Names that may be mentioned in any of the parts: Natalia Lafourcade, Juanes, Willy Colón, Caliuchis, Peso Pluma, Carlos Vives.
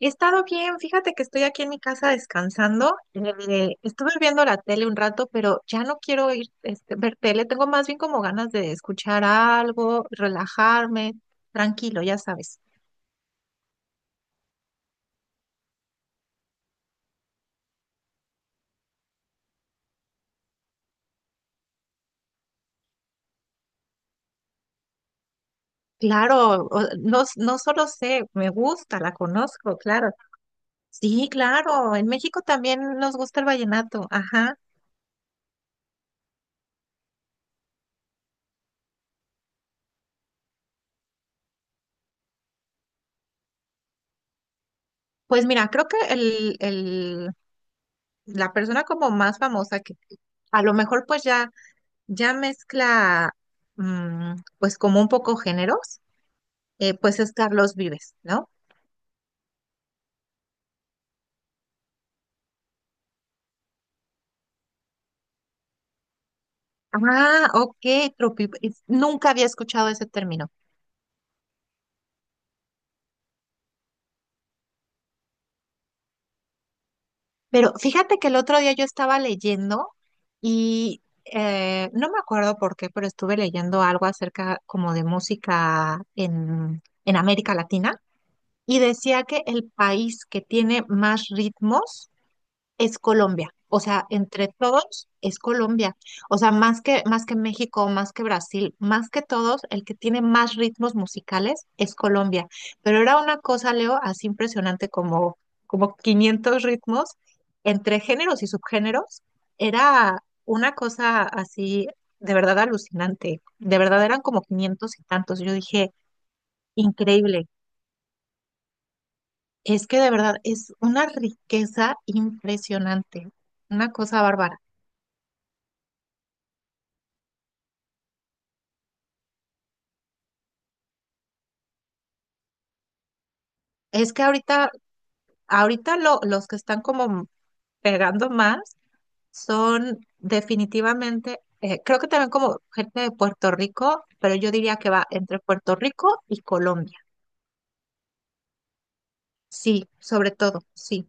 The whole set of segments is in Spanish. He estado bien, fíjate que estoy aquí en mi casa descansando. Estuve viendo la tele un rato, pero ya no quiero ir ver tele. Tengo más bien como ganas de escuchar algo, relajarme, tranquilo, ya sabes. Claro, no, no solo sé, me gusta, la conozco, claro. Sí, claro, en México también nos gusta el vallenato, ajá. Pues mira, creo que la persona como más famosa que a lo mejor pues ya mezcla, pues como un poco géneros, pues es Carlos Vives, ¿no? Ah, ok, nunca había escuchado ese término. Pero fíjate que el otro día yo estaba leyendo y no me acuerdo por qué, pero estuve leyendo algo acerca como de música en América Latina y decía que el país que tiene más ritmos es Colombia. O sea, entre todos es Colombia. O sea, más que México, más que Brasil, más que todos, el que tiene más ritmos musicales es Colombia. Pero era una cosa, Leo, así impresionante como, como 500 ritmos entre géneros y subgéneros. Era una cosa así de verdad alucinante. De verdad eran como 500 y tantos. Yo dije, increíble. Es que de verdad es una riqueza impresionante, una cosa bárbara. Es que ahorita los que están como pegando más son definitivamente, creo que también como gente de Puerto Rico, pero yo diría que va entre Puerto Rico y Colombia. Sí, sobre todo, sí.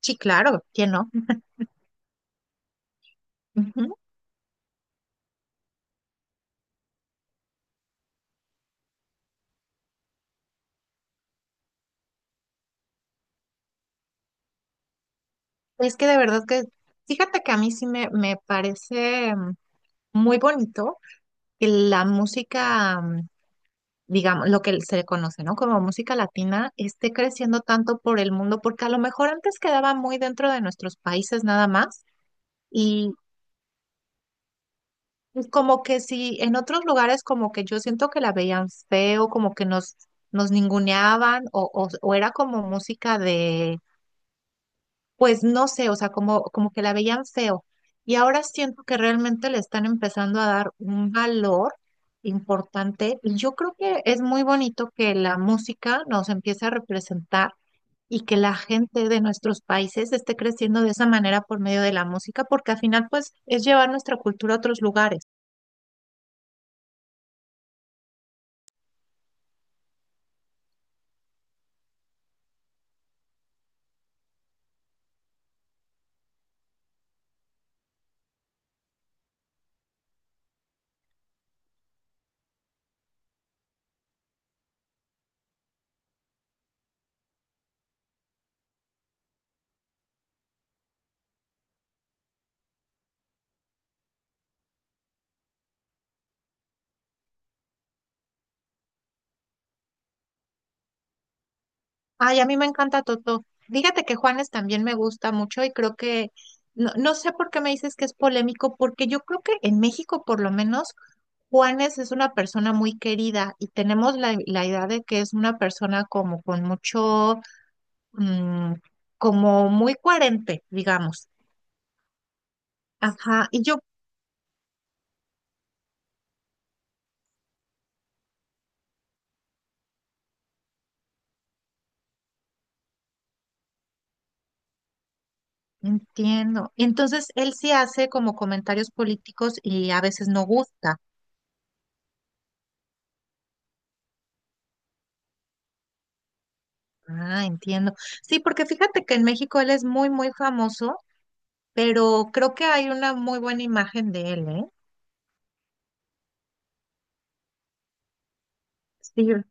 Sí, claro, ¿quién no? Ujú. Es que de verdad que, fíjate que a mí sí me parece muy bonito que la música digamos, lo que se le conoce, ¿no? Como música latina, esté creciendo tanto por el mundo, porque a lo mejor antes quedaba muy dentro de nuestros países nada más, y pues como que si en otros lugares como que yo siento que la veían feo, como que nos ninguneaban, o era como música de pues no sé, o sea, como, como que la veían feo. Y ahora siento que realmente le están empezando a dar un valor importante y yo creo que es muy bonito que la música nos empiece a representar y que la gente de nuestros países esté creciendo de esa manera por medio de la música, porque al final pues es llevar nuestra cultura a otros lugares. Ay, a mí me encanta Toto. Dígate que Juanes también me gusta mucho y creo que, no, no sé por qué me dices que es polémico, porque yo creo que en México por lo menos Juanes es una persona muy querida y tenemos la idea de que es una persona como con mucho, mm, como muy coherente, digamos. Ajá, y yo entiendo. Entonces, él sí hace como comentarios políticos y a veces no gusta. Ah, entiendo. Sí, porque fíjate que en México él es muy famoso, pero creo que hay una muy buena imagen de él, ¿eh? Sí.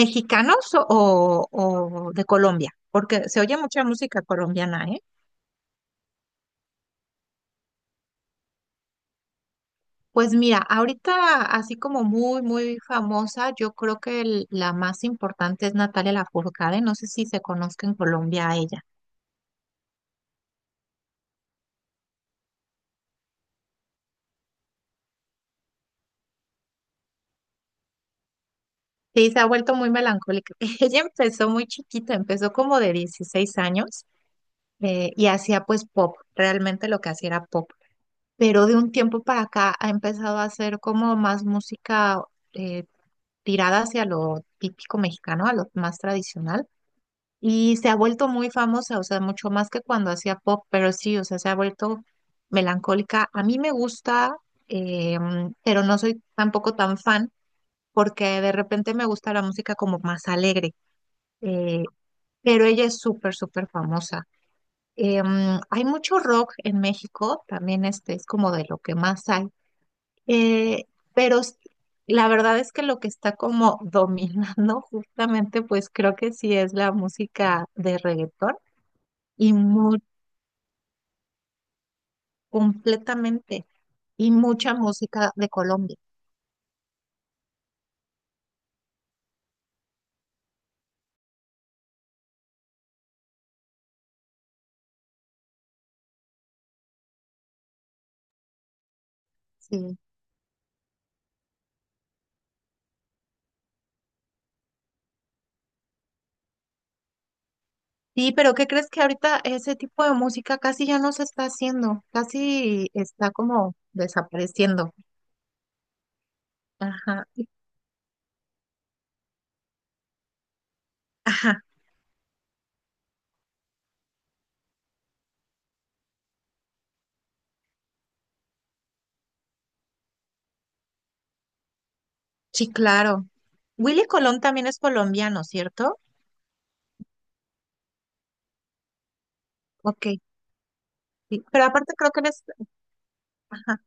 ¿Mexicanos o de Colombia? Porque se oye mucha música colombiana, ¿eh? Pues mira, ahorita así como muy famosa, yo creo que la más importante es Natalia Lafourcade, no sé si se conozca en Colombia a ella. Sí, se ha vuelto muy melancólica. Ella empezó muy chiquita, empezó como de 16 años y hacía pues pop, realmente lo que hacía era pop. Pero de un tiempo para acá ha empezado a hacer como más música eh, tirada hacia lo típico mexicano, a lo más tradicional. Y se ha vuelto muy famosa, o sea, mucho más que cuando hacía pop, pero sí, o sea, se ha vuelto melancólica. A mí me gusta, pero no soy tampoco tan fan, porque de repente me gusta la música como más alegre. eh, pero ella es súper famosa. Hay mucho rock en México, también este es como de lo que más hay. eh, pero s- la verdad es que lo que está como dominando justamente, pues creo que sí es la música de reggaetón y muy completamente, y mucha música de Colombia, sí. Sí, pero ¿qué crees que ahorita ese tipo de música casi ya no se está haciendo? Casi está como desapareciendo. Ajá, y- ajá, sí, claro. Willy Colón también es colombiano, ¿cierto? Ok, sí. Pero aparte creo que él es, ajá,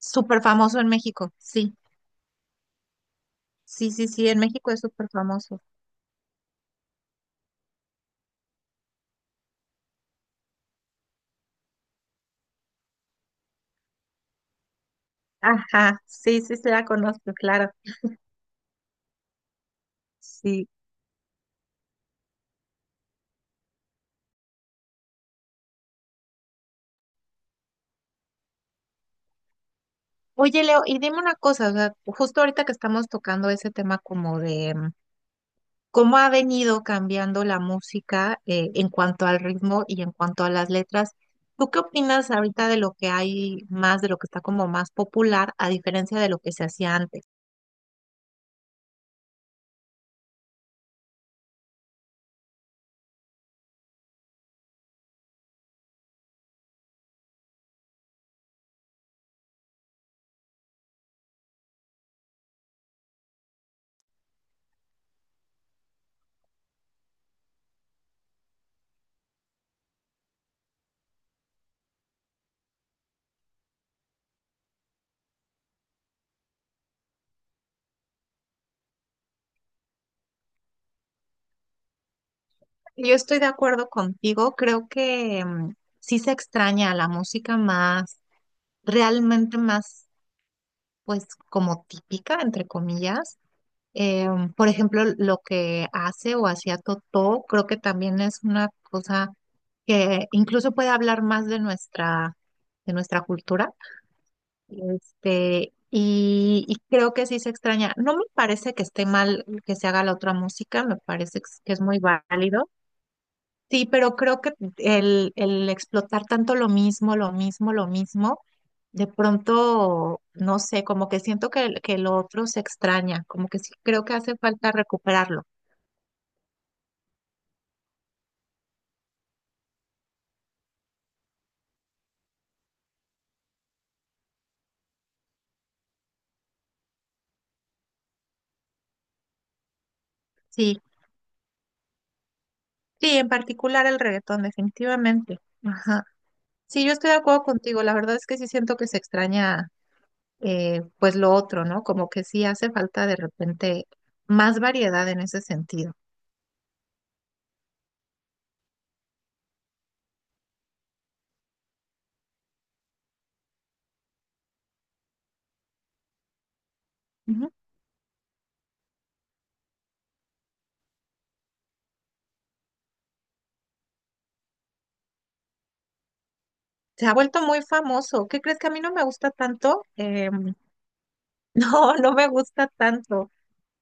súper famoso en México, sí. Sí, sí, sí, en México es súper famoso. Ajá, sí, sí, se la conozco, claro. Sí. Oye, Leo, y dime una cosa, o sea, justo ahorita que estamos tocando ese tema como de cómo ha venido cambiando la música en cuanto al ritmo y en cuanto a las letras, ¿tú qué opinas ahorita de lo que hay más, de lo que está como más popular, a diferencia de lo que se hacía antes? Yo estoy de acuerdo contigo, creo que sí se extraña a la música más, realmente más, pues como típica, entre comillas. Eh, por ejemplo, lo que hace o hacía Totó, creo que también es una cosa que incluso puede hablar más de nuestra cultura. Este, y creo que sí se extraña. No me parece que esté mal que se haga la otra música, me parece que es muy válido. Sí, pero creo que el explotar tanto lo mismo, lo mismo, lo mismo, de pronto, no sé, como que siento que, que lo otro se extraña, como que sí creo que hace falta recuperarlo. Sí, sí, en particular el reggaetón, definitivamente. Ajá. Sí, yo estoy de acuerdo contigo, la verdad es que sí siento que se extraña, pues lo otro, ¿no? Como que sí hace falta de repente más variedad en ese sentido. Ujú. Se ha vuelto muy famoso. ¿Qué crees que a mí no me gusta tanto? No, no me gusta tanto,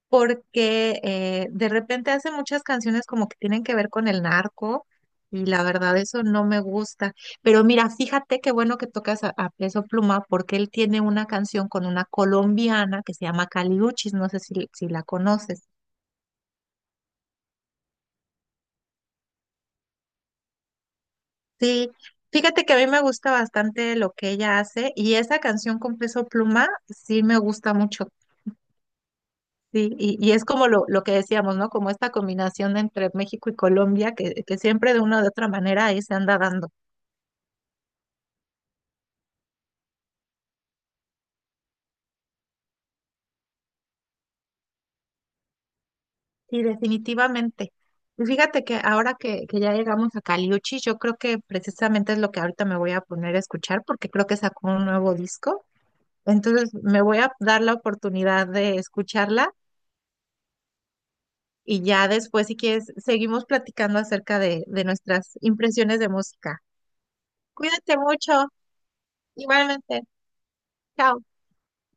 porque de repente hace muchas canciones como que tienen que ver con el narco y la verdad eso no me gusta. Pero mira, fíjate qué bueno que tocas a Peso Pluma porque él tiene una canción con una colombiana que se llama Caliuchis, no sé si la conoces. Sí, fíjate que a mí me gusta bastante lo que ella hace y esa canción con Peso Pluma sí me gusta mucho. Sí, y es como lo que decíamos, ¿no? Como esta combinación entre México y Colombia que siempre de una u otra manera ahí se anda dando. Sí, definitivamente. Y fíjate que ahora que ya llegamos a Caliuchi, yo creo que precisamente es lo que ahorita me voy a poner a escuchar porque creo que sacó un nuevo disco. Entonces me voy a dar la oportunidad de escucharla y ya después, si quieres, seguimos platicando acerca de nuestras impresiones de música. Cuídate mucho, igualmente. Chao.